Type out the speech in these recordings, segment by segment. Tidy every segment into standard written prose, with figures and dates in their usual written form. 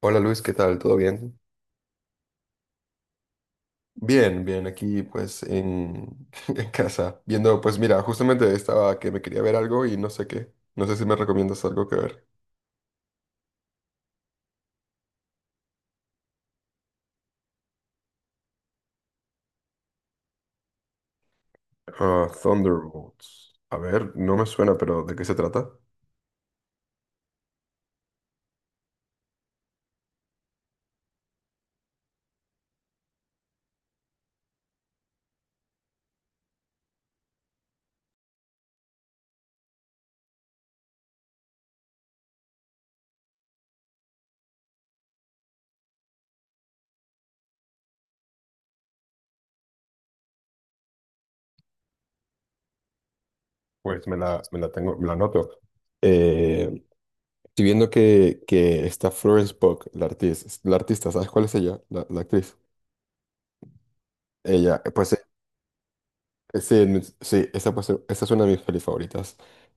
Hola Luis, ¿qué tal? ¿Todo bien? Bien, aquí en casa, viendo, pues mira, justamente estaba que me quería ver algo y no sé qué, no sé si me recomiendas algo que ver. Ah, Thunderbolts. A ver, no me suena, pero ¿de qué se trata? Pues me la noto. Estoy viendo que está Florence Pugh, la artista, ¿sabes cuál es ella? La actriz. Ella, pues sí, sí, esa, esa es una de mis pelis favoritas.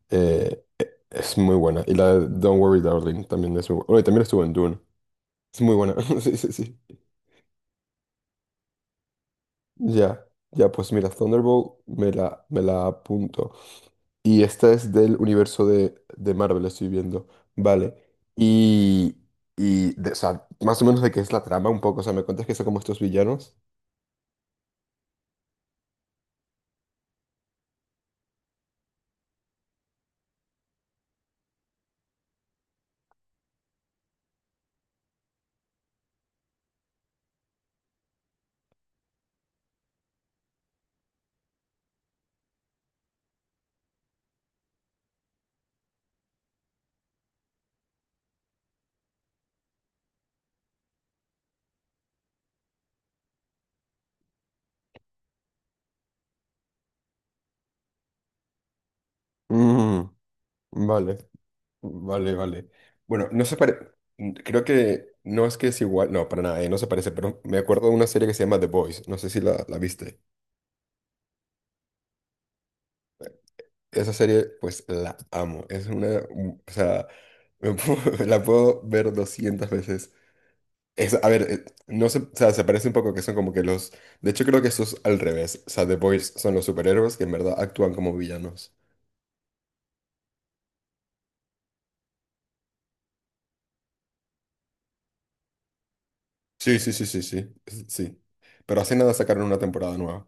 Es muy buena. Y la de Don't Worry Darling también es muy buena. Oye, también estuvo en Dune. Es muy buena. Sí, sí, sí. Ya, ya, pues mira, Thunderbolt me la apunto. Y esta es del universo de Marvel, estoy viendo. Vale. Y, o sea, más o menos de qué es la trama un poco. O sea, me cuentas que son como estos villanos. Mm, vale. Vale, vale. Bueno, no se parece. Creo que no es que es igual. No, para nada, no se parece, pero me acuerdo de una serie que se llama The Boys. No sé si la viste. Esa serie, pues la amo. Es una. O sea, la puedo ver 200 veces. Es, a ver, no se, o sea, se parece un poco que son como que los. De hecho, creo que eso es al revés. O sea, The Boys son los superhéroes que en verdad actúan como villanos. Sí, sí, sí, sí, sí. Sí. Pero hace nada sacaron una temporada nueva.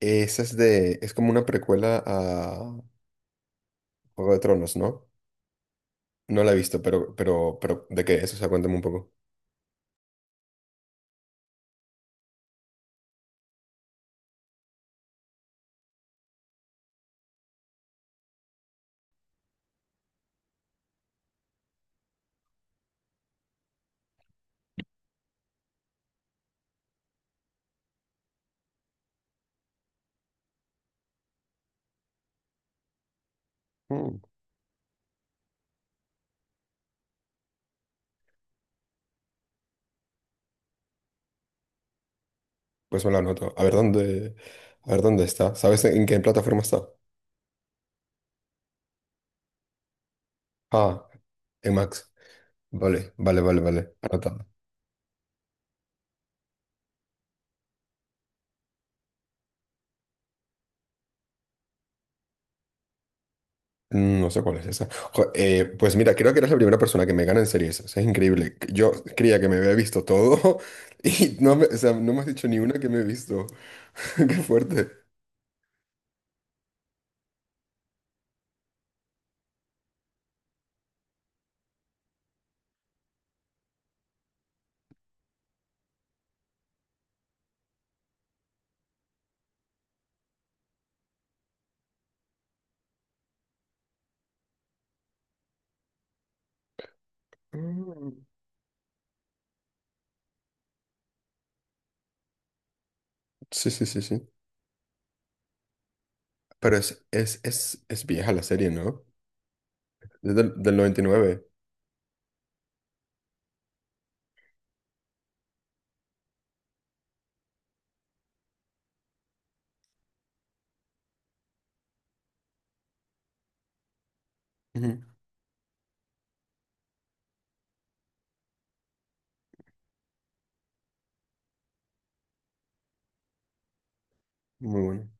Esa es de. Es como una precuela. Juego de Tronos, ¿no? No la he visto, pero, ¿de qué es? O sea, cuéntame un poco. Mm. Pues me la anoto. A ver dónde está. ¿Sabes en qué plataforma está? Ah, en Max. Vale, vale, vale, vale. Anotado. Mm, no sé cuál es esa. Jo, pues mira, creo que eres la primera persona que me gana en series. O sea, es increíble. Yo creía que me había visto todo y no me, o sea, no me has dicho ni una que me he visto. Qué fuerte. Mm. Sí, sí, sí, sí. Pero es vieja la serie, ¿no? Es del 99. Ujú. Muy bueno.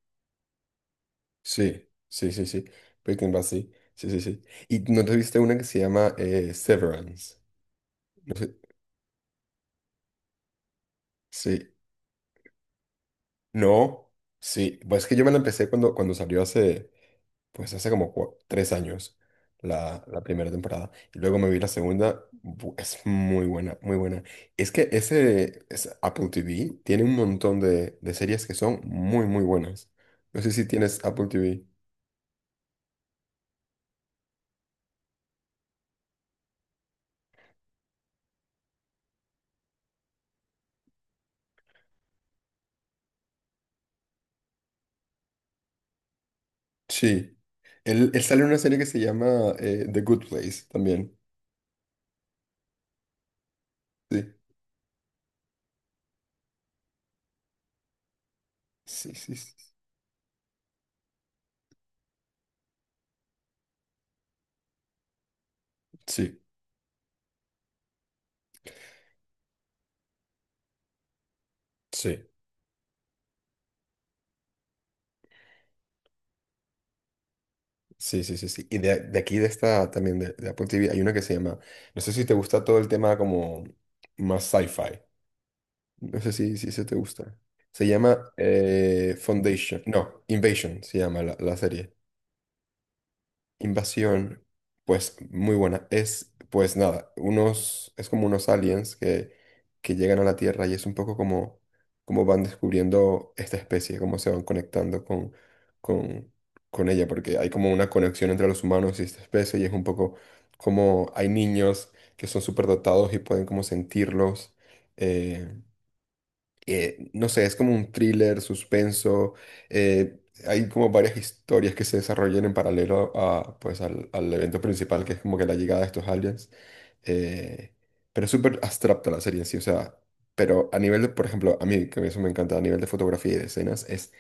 Sí, sí, sí, sí. Breaking Bad, sí. Sí, sí, sí. ¿Y no te viste una que se llama Severance? No sé. Sí. No. Sí. Pues es que yo me la empecé cuando, cuando salió hace, pues hace como 3 años, la primera temporada. Y luego me vi la segunda. Es muy buena, muy buena. Es que ese Apple TV tiene un montón de series que son muy, muy buenas. No sé si tienes Apple TV. Sí. Él sale en una serie que se llama The Good Place también. Sí. Sí, sí, sí. Sí, sí, sí, sí, sí. Sí. Y de aquí, de esta también, de Apple TV, hay una que se llama. No sé si te gusta todo el tema como más sci-fi. No sé si se te gusta. Se llama Foundation. No, Invasion se llama la serie. Invasión, pues muy buena. Es, pues nada, unos, es como unos aliens que llegan a la Tierra y es un poco como, como van descubriendo esta especie, cómo se van conectando con, con ella, porque hay como una conexión entre los humanos y esta especie y es un poco como hay niños que son superdotados y pueden como sentirlos. eh, no sé, es como un thriller, suspenso. eh, Hay como varias historias que se desarrollan en paralelo pues, al evento principal, que es como que la llegada de estos aliens. eh, pero es súper abstracta la serie en sí, o sea, pero a nivel de, por ejemplo, a mí, que eso me encanta, a nivel de fotografía y de escenas, es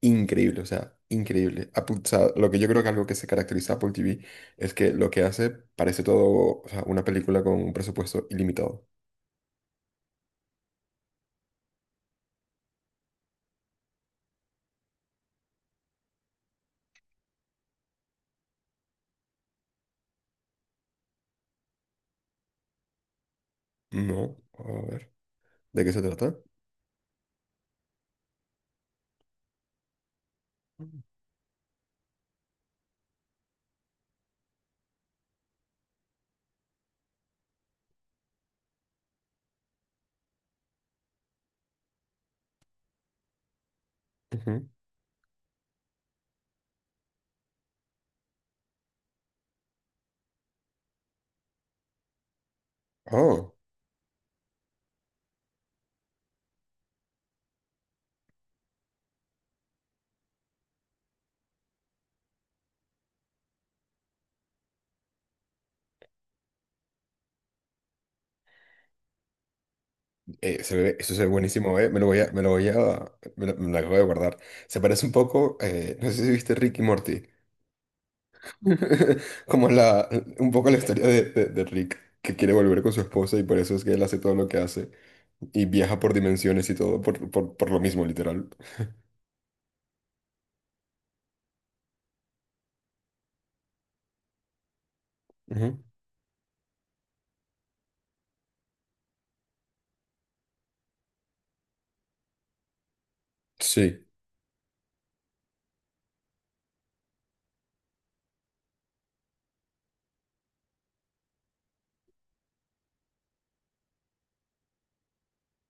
increíble, o sea, increíble. O sea, lo que yo creo que algo que se caracteriza a Apple TV es que lo que hace parece todo, o sea, una película con un presupuesto ilimitado. No, a ver, ¿de qué se trata? Ujú. Oh, eso se ve buenísimo, eh. Me lo voy a, me lo voy a, me lo acabo de guardar. Se parece un poco, no sé si viste Rick y Morty, como la, un poco la historia de Rick, que quiere volver con su esposa y por eso es que él hace todo lo que hace y viaja por dimensiones y todo por lo mismo, literal. Ujú. Sí,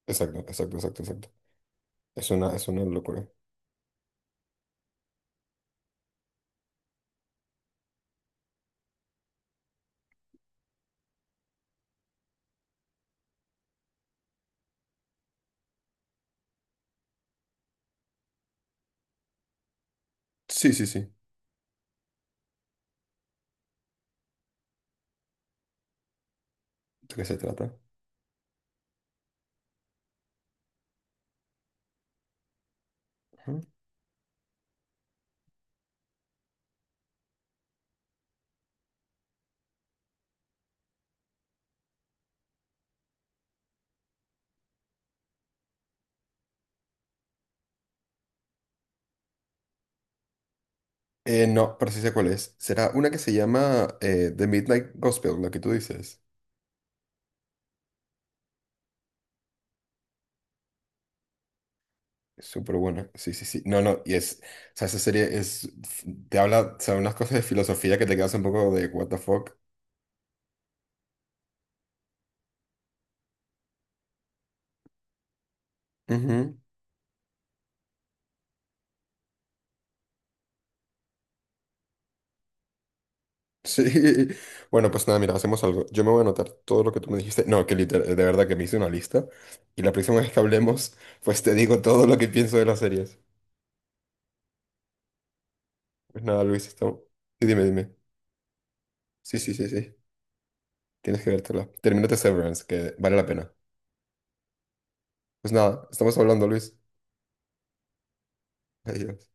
exacto, exacto, exacto, exacto. Es una locura. Sí, sí, sí. ¿De qué se trata? Ujú. No, pero sí sé cuál es. Será una que se llama The Midnight Gospel, la que tú dices. Es súper buena, sí, sí, sí. No, no, y es, o sea, esa serie es, te habla, o sea, unas cosas de filosofía que te quedas un poco de what the fuck. Ujú. Sí. Bueno, pues nada, mira, hacemos algo. Yo me voy a anotar todo lo que tú me dijiste. No, que literal, de verdad que me hice una lista. Y la próxima vez que hablemos, pues te digo todo lo que pienso de las series. Pues nada, Luis, estamos. Sí, dime, dime. Sí, sí, sí, sí. Tienes que vértela. Termínate Severance, que vale la pena. Pues nada, estamos hablando, Luis. Adiós.